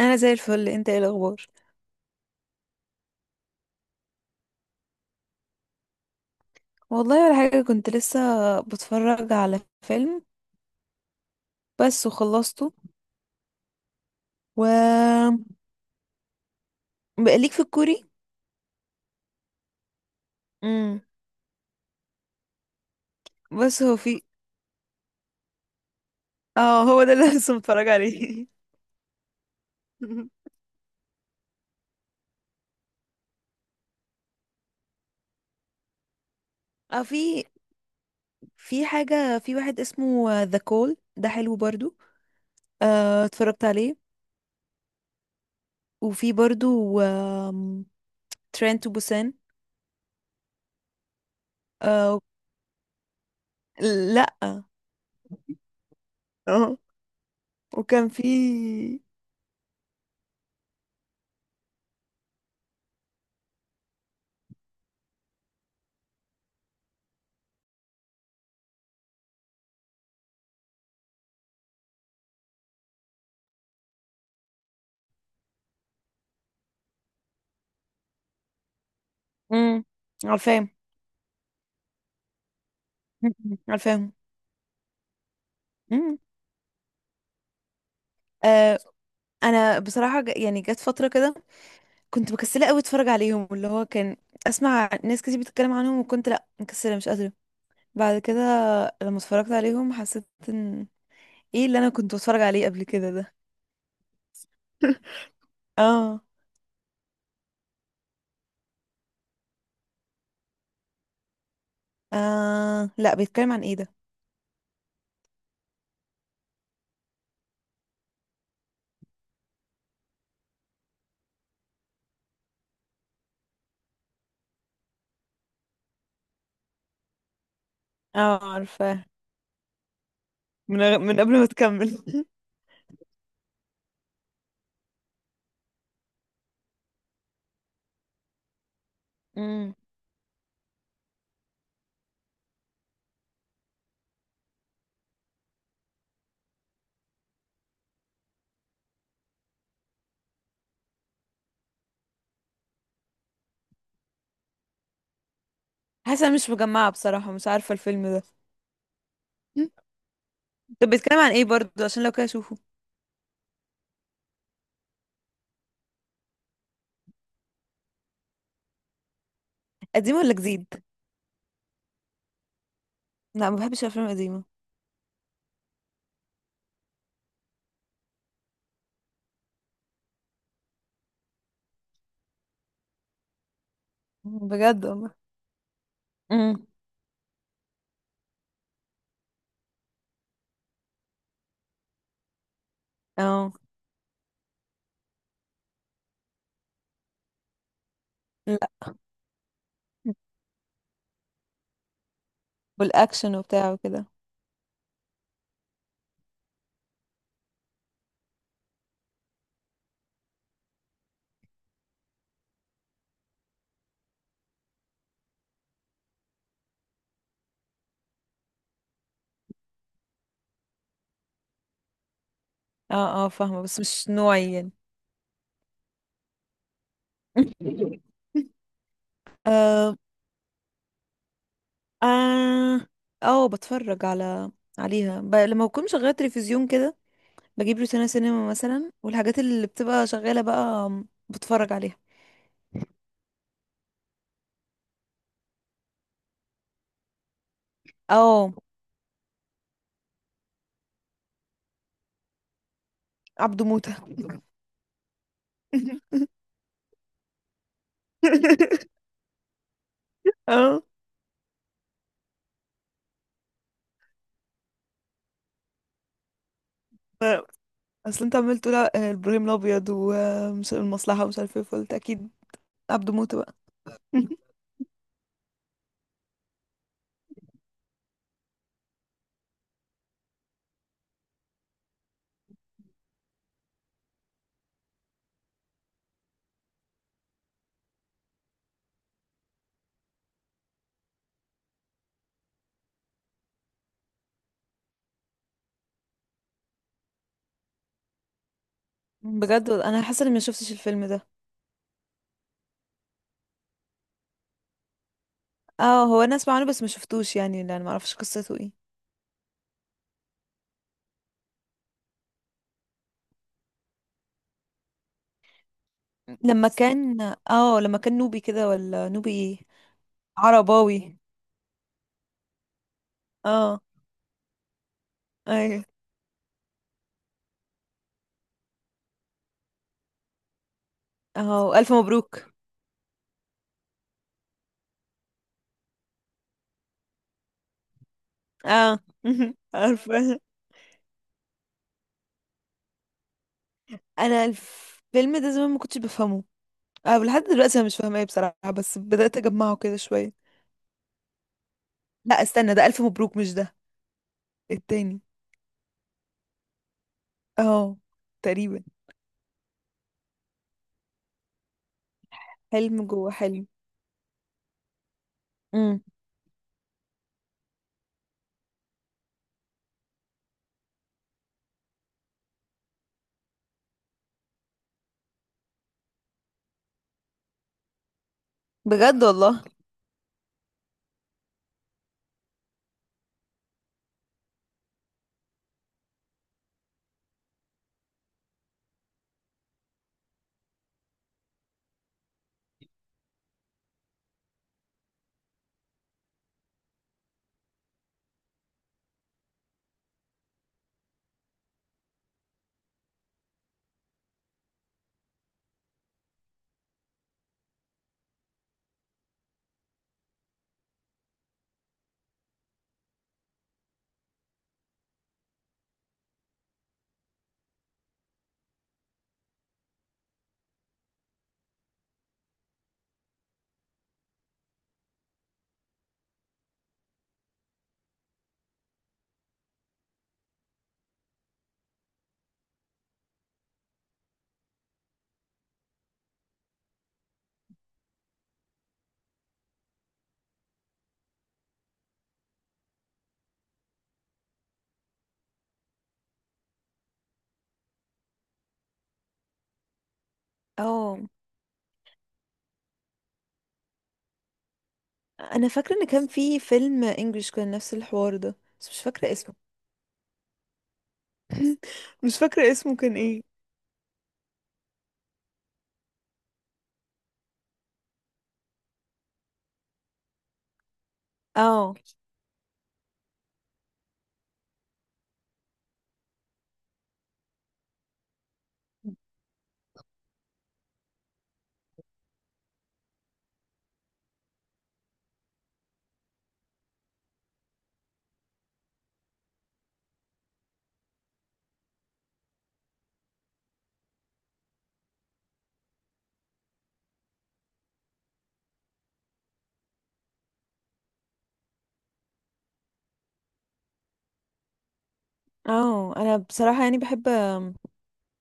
انا زي الفل، انت ايه الاخبار؟ والله ولا حاجه، كنت لسه بتفرج على فيلم بس وخلصته. و بقى ليك في الكوري؟ امم بس هو في. اه، هو ده اللي لسه متفرج عليه. اه، في حاجه، في واحد اسمه ذا كول، ده حلو برضو. آه اتفرجت عليه. وفي برضو ترين تو بوسان. آه. لا. اه. وكان في. امم عارفاهم، عارفاهم. مم. آه، انا بصراحه يعني جت فتره كده كنت مكسله قوي اتفرج عليهم، اللي هو كان اسمع ناس كتير بتتكلم عنهم، وكنت لا مكسله مش قادره. بعد كده لما اتفرجت عليهم حسيت ان ايه اللي انا كنت بتفرج عليه قبل كده ده. اه. اه لا، بيتكلم عن ايه ده؟ اه عارفاه. من قبل ما تكمل. امم. حاسه أنا مش مجمعه بصراحه، مش عارفه الفيلم ده. طب بيتكلم عن ايه برضو عشان لو كده اشوفه؟ قديم ولا جديد؟ لا، ما بحبش الافلام القديمه. بجد والله. امم. اه. لا. والاكشن وبتاع وكده. اه. اه فاهمه، بس مش نوعي يعني. اه. اه. بتفرج على عليها لما بكون شغاله تلفزيون كده بجيب روتانا سينما مثلا، والحاجات اللي بتبقى شغاله بقى بتفرج عليها. اه. عبده موته. اه. اصل انت عمال تقول ابراهيم الابيض والمصلحه ومش عارف ايه، فقلت اكيد عبده موته بقى. بجد انا حاسه اني ما شفتش الفيلم ده. اه هو انا اسمع عنه بس ما شفتوش، يعني لان ما اعرفش قصته ايه. لما كان. اه لما كان نوبي كده، ولا نوبي ايه؟ عرباوي. اه. ايوه. اه الف مبروك. اه عارفه. انا الفيلم ده زمان ما كنتش بفهمه. اه لحد دلوقتي انا مش فاهمه ايه بصراحه، بس بدات اجمعه كده شويه. لا استنى، ده الف مبروك مش ده، التاني. اه. تقريبا. حلم جوه حلم. امم. بجد والله. اه. انا فاكره ان كان في فيلم انجلش كان نفس الحوار ده، بس مش فاكره اسمه. مش فاكره اسمه كان ايه. اه. اه انا بصراحة يعني بحب،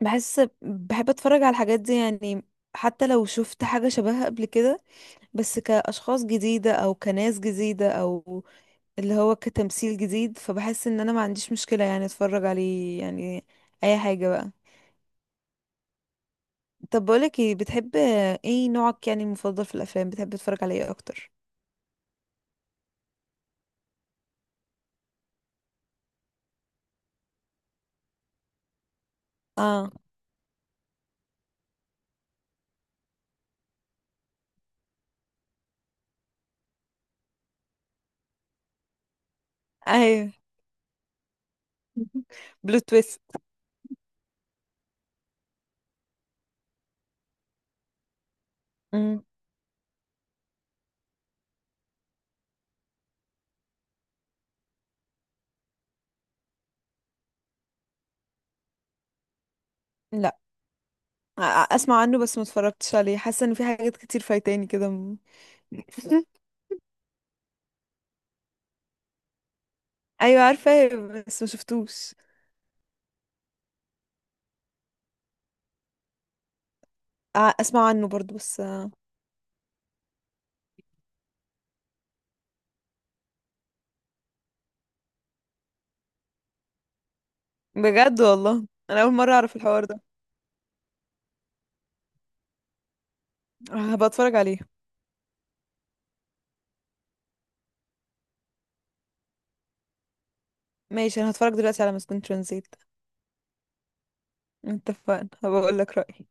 بحب اتفرج على الحاجات دي يعني، حتى لو شفت حاجة شبهها قبل كده، بس كأشخاص جديدة او كناس جديدة او اللي هو كتمثيل جديد، فبحس ان انا ما عنديش مشكلة يعني اتفرج عليه يعني، اي حاجة بقى. طب بقولك ايه، بتحب ايه؟ نوعك يعني المفضل في الافلام بتحب تتفرج على ايه اكتر؟ اه. ايوه. بلو تويست. مم. لا. أ- اسمع عنه بس ما اتفرجتش عليه، حاسة ان في حاجات كتير فايتاني كده. ايوه عارفه، بس ما شفتوش. ع- اسمع عنه برضو، بس آه، بجد والله انا اول مره اعرف الحوار ده. هبقى اتفرج عليه. ماشي، انا هتفرج دلوقتي على مسجون ترانزيت. اتفقنا، هبقى اقول لك رايي.